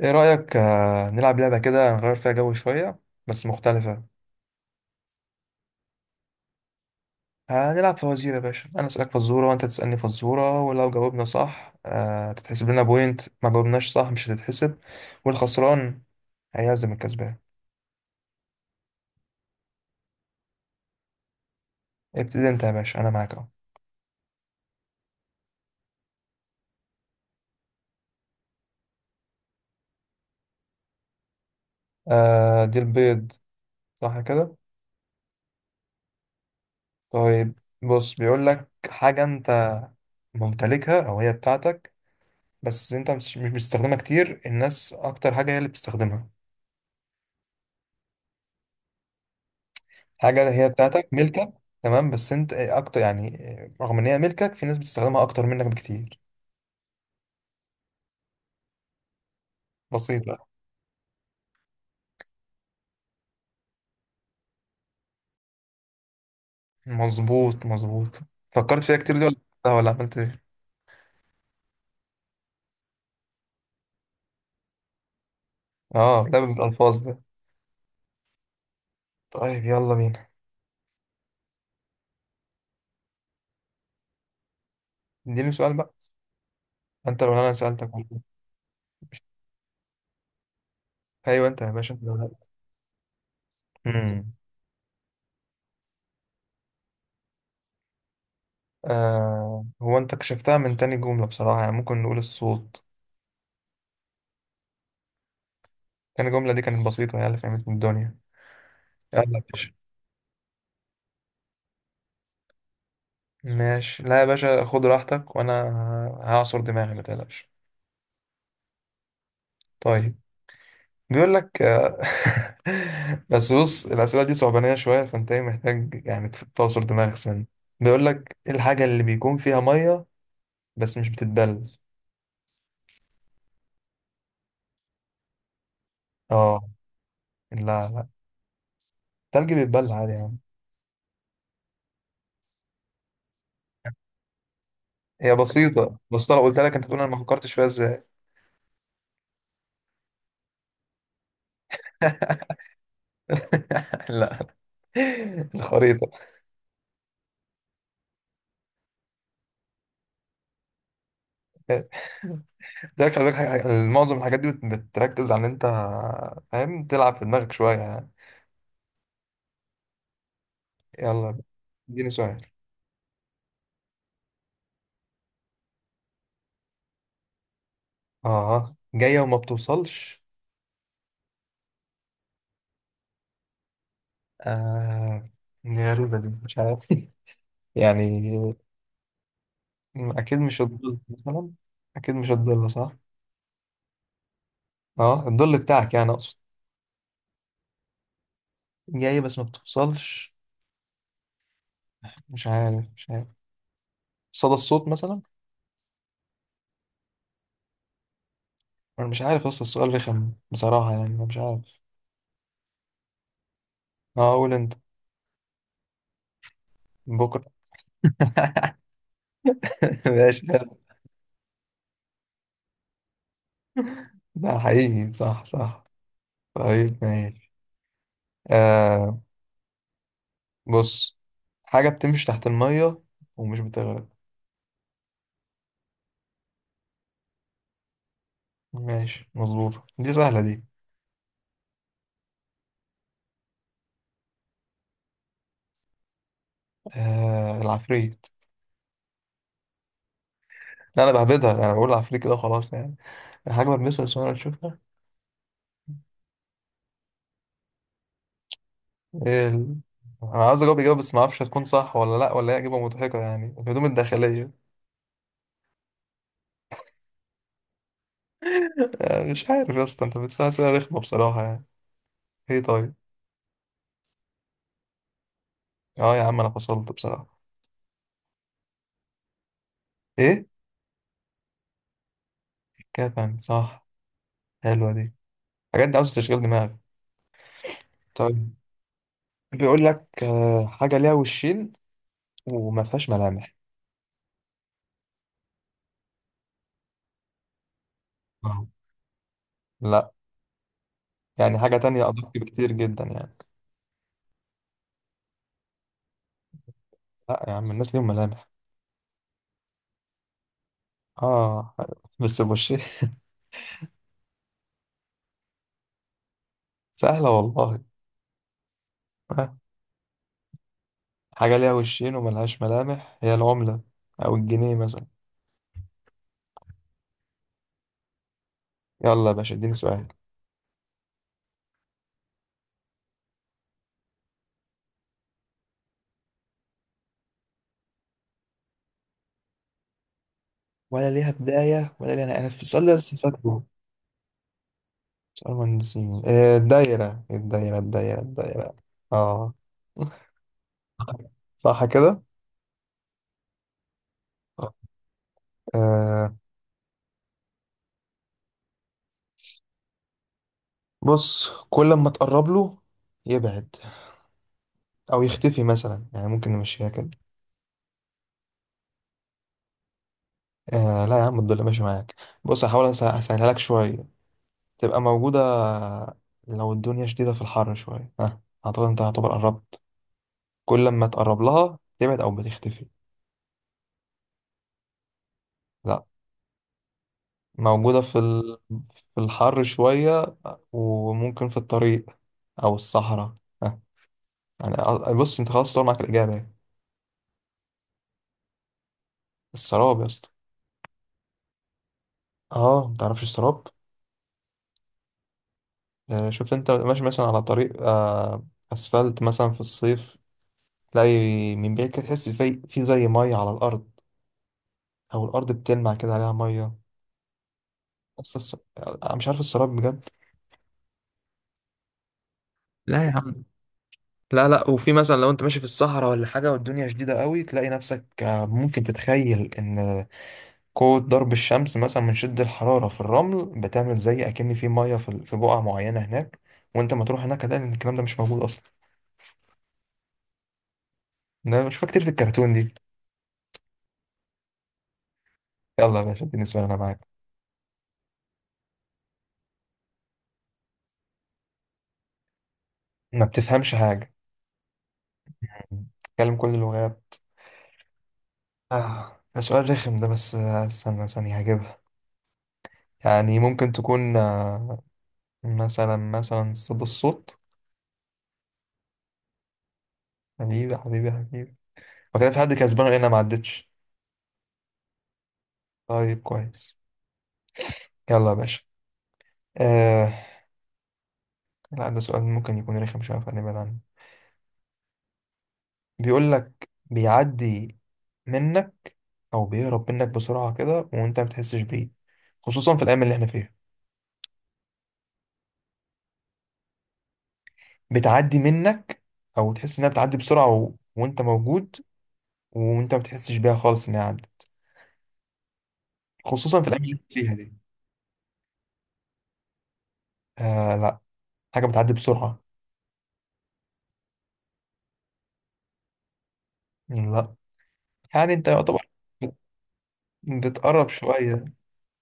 ايه رأيك نلعب لعبة كده نغير فيها جو شوية، بس مختلفة. هنلعب فوازير يا باشا. انا اسألك فزورة وانت تسألني فزورة، ولو جاوبنا صح تتحسب لنا بوينت. ما جاوبناش صح مش هتتحسب. والخسران هيعزم الكسبان. ابتدي انت يا باشا، انا معاك اهو. آه، دي البيض. صح كده. طيب بص، بيقول لك حاجة انت ممتلكها او هي بتاعتك، بس انت مش بتستخدمها كتير. الناس اكتر حاجة هي اللي بتستخدمها. حاجة هي بتاعتك ملكك. تمام، بس انت اكتر يعني. رغم ان هي ملكك، في ناس بتستخدمها اكتر منك بكتير. بسيطة. مظبوط مظبوط. فكرت فيها كتير دي ولا؟ لا، ولا عملت ايه. اه ده بالالفاظ ده. طيب يلا بينا. اديني سؤال بقى. انت لو انا سألتك برضه. ايوه، انت يا باشا، انت لو انا. امم. آه، هو انت كشفتها من تاني جملة بصراحة، يعني ممكن نقول الصوت. تاني جملة دي كانت بسيطة، هي اللي فهمت من الدنيا. يلا يا باشا. ماشي، لا يا باشا خد راحتك، وانا هعصر دماغي ما تقلقش. طيب. بيقول لك بس بص، الأسئلة دي صعبانية شوية، فأنت إيه محتاج يعني تعصر دماغك سن. بيقول لك، إيه الحاجة اللي بيكون فيها مية بس مش بتتبل؟ آه، لا لا، التلج بيتبل عادي يا عم. هي بسيطة، بس لو قلت لك أنت تقول أنا ما فكرتش فيها إزاي. لا، الخريطة. ده خلي بالك، معظم الحاجات دي بتركز على إن أنت فاهم تلعب في دماغك شوية يعني. يلا، اديني سؤال. آه، جاية وما بتوصلش. آه، دي غريبة دي، مش عارف يعني. أكيد مش الظل مثلا. أكيد مش الظل صح؟ أه، الظل بتاعك يعني أقصد. جاي بس ما بتوصلش. مش عارف مش عارف. صدى الصوت مثلا. أنا مش عارف، أصل السؤال رخم بصراحة يعني، أنا مش عارف. أه، قول أنت. بكرة. ماشي حلو. ده حقيقي صح صح. طيب ماشي. آه بص، حاجة بتمشي تحت المية ومش بتغرق. ماشي، مظبوطة دي، سهلة دي. آه، العفريت. لا، انا بهبدها، انا بقول عفريت كده خلاص يعني. حاجه بلمسها بس انا تشوفها. إيه ال... انا عاوز اجاوب اجابه بس ما اعرفش هتكون صح ولا لا، ولا هي اجابه مضحكه يعني، الهدوم الداخليه. مش عارف يا اسطى، انت بتسال اسئله رخمه بصراحه يعني. ايه، طيب. اه يا عم، انا فصلت بصراحه. ايه؟ كفن، صح. حلوه دي. الحاجات دي عاوزه تشغيل دماغ. طيب. بيقول لك حاجه ليها وشين وما فيهاش ملامح. آه. لا. يعني حاجه تانية ادق بكتير جدا يعني. لا يا عم، الناس ليهم ملامح. اه، بس بوشين. سهله والله. آه، حاجة ليها وشين وملهاش ملامح هي العملة، أو الجنيه مثلا. يلا يا باشا، اديني سؤال. ولا ليها بداية ولا ليها نهاية. أنا في السؤال ده لسه فاكره. سؤال مهندسين الدايرة الدايرة الدايرة الدايرة. اه، صح كده. آه بص، كل ما تقرب له يبعد، أو يختفي مثلا، يعني ممكن نمشيها كده. آه، لا يا عم، تضل ماشي معاك. بص، هحاول أسهلها لك شوية. تبقى موجودة. لو الدنيا شديدة في الحر شوية، ها. أعتقد أنت هتبقى قربت. كل ما تقرب لها تبعد أو بتختفي. لا. موجودة في الحر شوية. وممكن في الطريق، أو الصحراء، ها. يعني بص، أنت خلاص طلع معاك الإجابة يعني. السراب يا اسطى. أه، متعرفش السراب؟ شفت أنت ماشي مثلا على طريق أسفلت مثلا في الصيف. تلاقي من بعيد كده تحس في زي مية على الأرض. أو الأرض بتلمع كده عليها مية. بس الص... انا مش عارف السراب بجد. لا يا عم. لا لا، وفي مثلا لو انت ماشي في الصحراء ولا حاجة والدنيا شديدة قوي تلاقي نفسك ممكن تتخيل ان قوة ضرب الشمس مثلا من شد الحرارة في الرمل بتعمل زي اكن في مية في بقعة معينة هناك. وانت ما تروح هناك هتلاقي ان الكلام ده مش موجود اصلا. انا بشوفها كتير في الكرتون دي. يلا يا باشا، اديني سؤال انا معاك. ما بتفهمش حاجة. تتكلم كل اللغات. آه، ده سؤال رخم ده، بس استنى ثانية هجيبها. يعني ممكن تكون مثلا صدى الصوت. حبيبي حبيبي حبيبي. وكده، في حد كسبان ولا انا ما عدتش؟ طيب كويس. يلا يا باشا. آه لا، ده سؤال ممكن يكون رخم شويه فنبعد عنه. بيقول لك، بيعدي منك او بيهرب منك بسرعه كده وانت ما بتحسش بيه، خصوصا في الايام اللي احنا فيها. بتعدي منك، او تحس انها بتعدي بسرعه وانت موجود، وانت ما بتحسش بيها خالص انها عدت، خصوصا في الايام اللي احنا فيها دي. آه، لا، حاجه بتعدي بسرعه. لا. يعني انت يعتبر بتقرب شوية.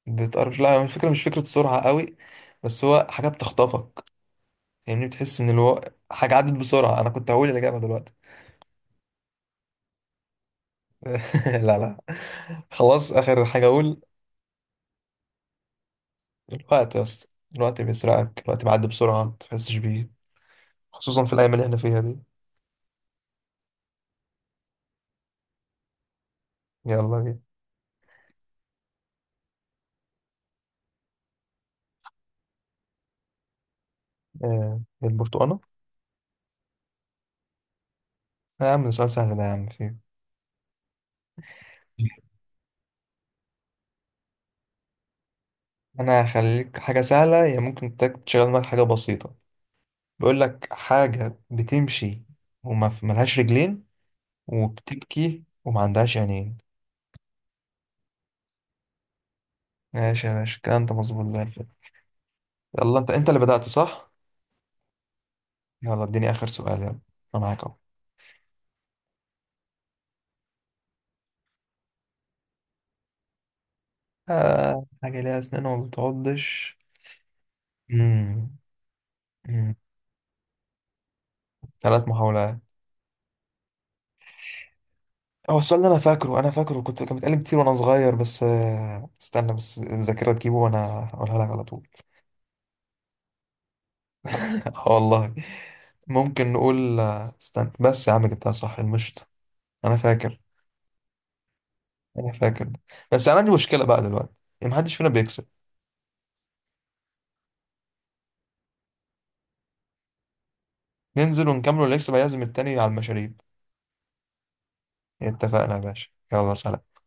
بتقرب، لا الفكرة مش فكرة سرعة قوي، بس هو حاجة بتخطفك. يعني بتحس ان حاجة عدت بسرعة، انا كنت هقول الإجابة دلوقتي. لا لا، خلاص آخر حاجة اقول. الوقت يا اسطى. الوقت بيسرقك، الوقت بيعدي بسرعة ما بتحسش بيه، خصوصا في الأيام اللي احنا فيها دي. يلا بينا. آه. البرتقالة. لا يا عم، ده سؤال سهل ده يا عم فيه. انا هخليك حاجة سهلة هي ممكن تشغل معاك حاجة بسيطة. بيقول لك، حاجة بتمشي وما ملهاش رجلين، وبتبكي وما عندهاش عينين. ماشي يا باشا، الكلام ده مظبوط زي الفل. يلا، انت اللي بدأت صح؟ يلا اديني آخر سؤال، يلا انا معاك اهو. حاجة ليها أسنان وما بتعضش. مم. مم. ثلاث محاولات. هو السؤال ده أنا فاكره أنا فاكره، كان بيتقال كتير وأنا صغير، بس استنى بس الذاكرة تجيبه وأنا هقولها لك على طول. اه والله. ممكن نقول استنى بس يا عم، جبتها، صح المشط. أنا فاكر. أنا فاكر. بس أنا عندي مشكلة بقى دلوقتي، إن محدش فينا بيكسب. ننزل ونكملوا الإكس بقى، يعزم التاني على المشاريب. اتفقنا يا باشا، يلا سلام.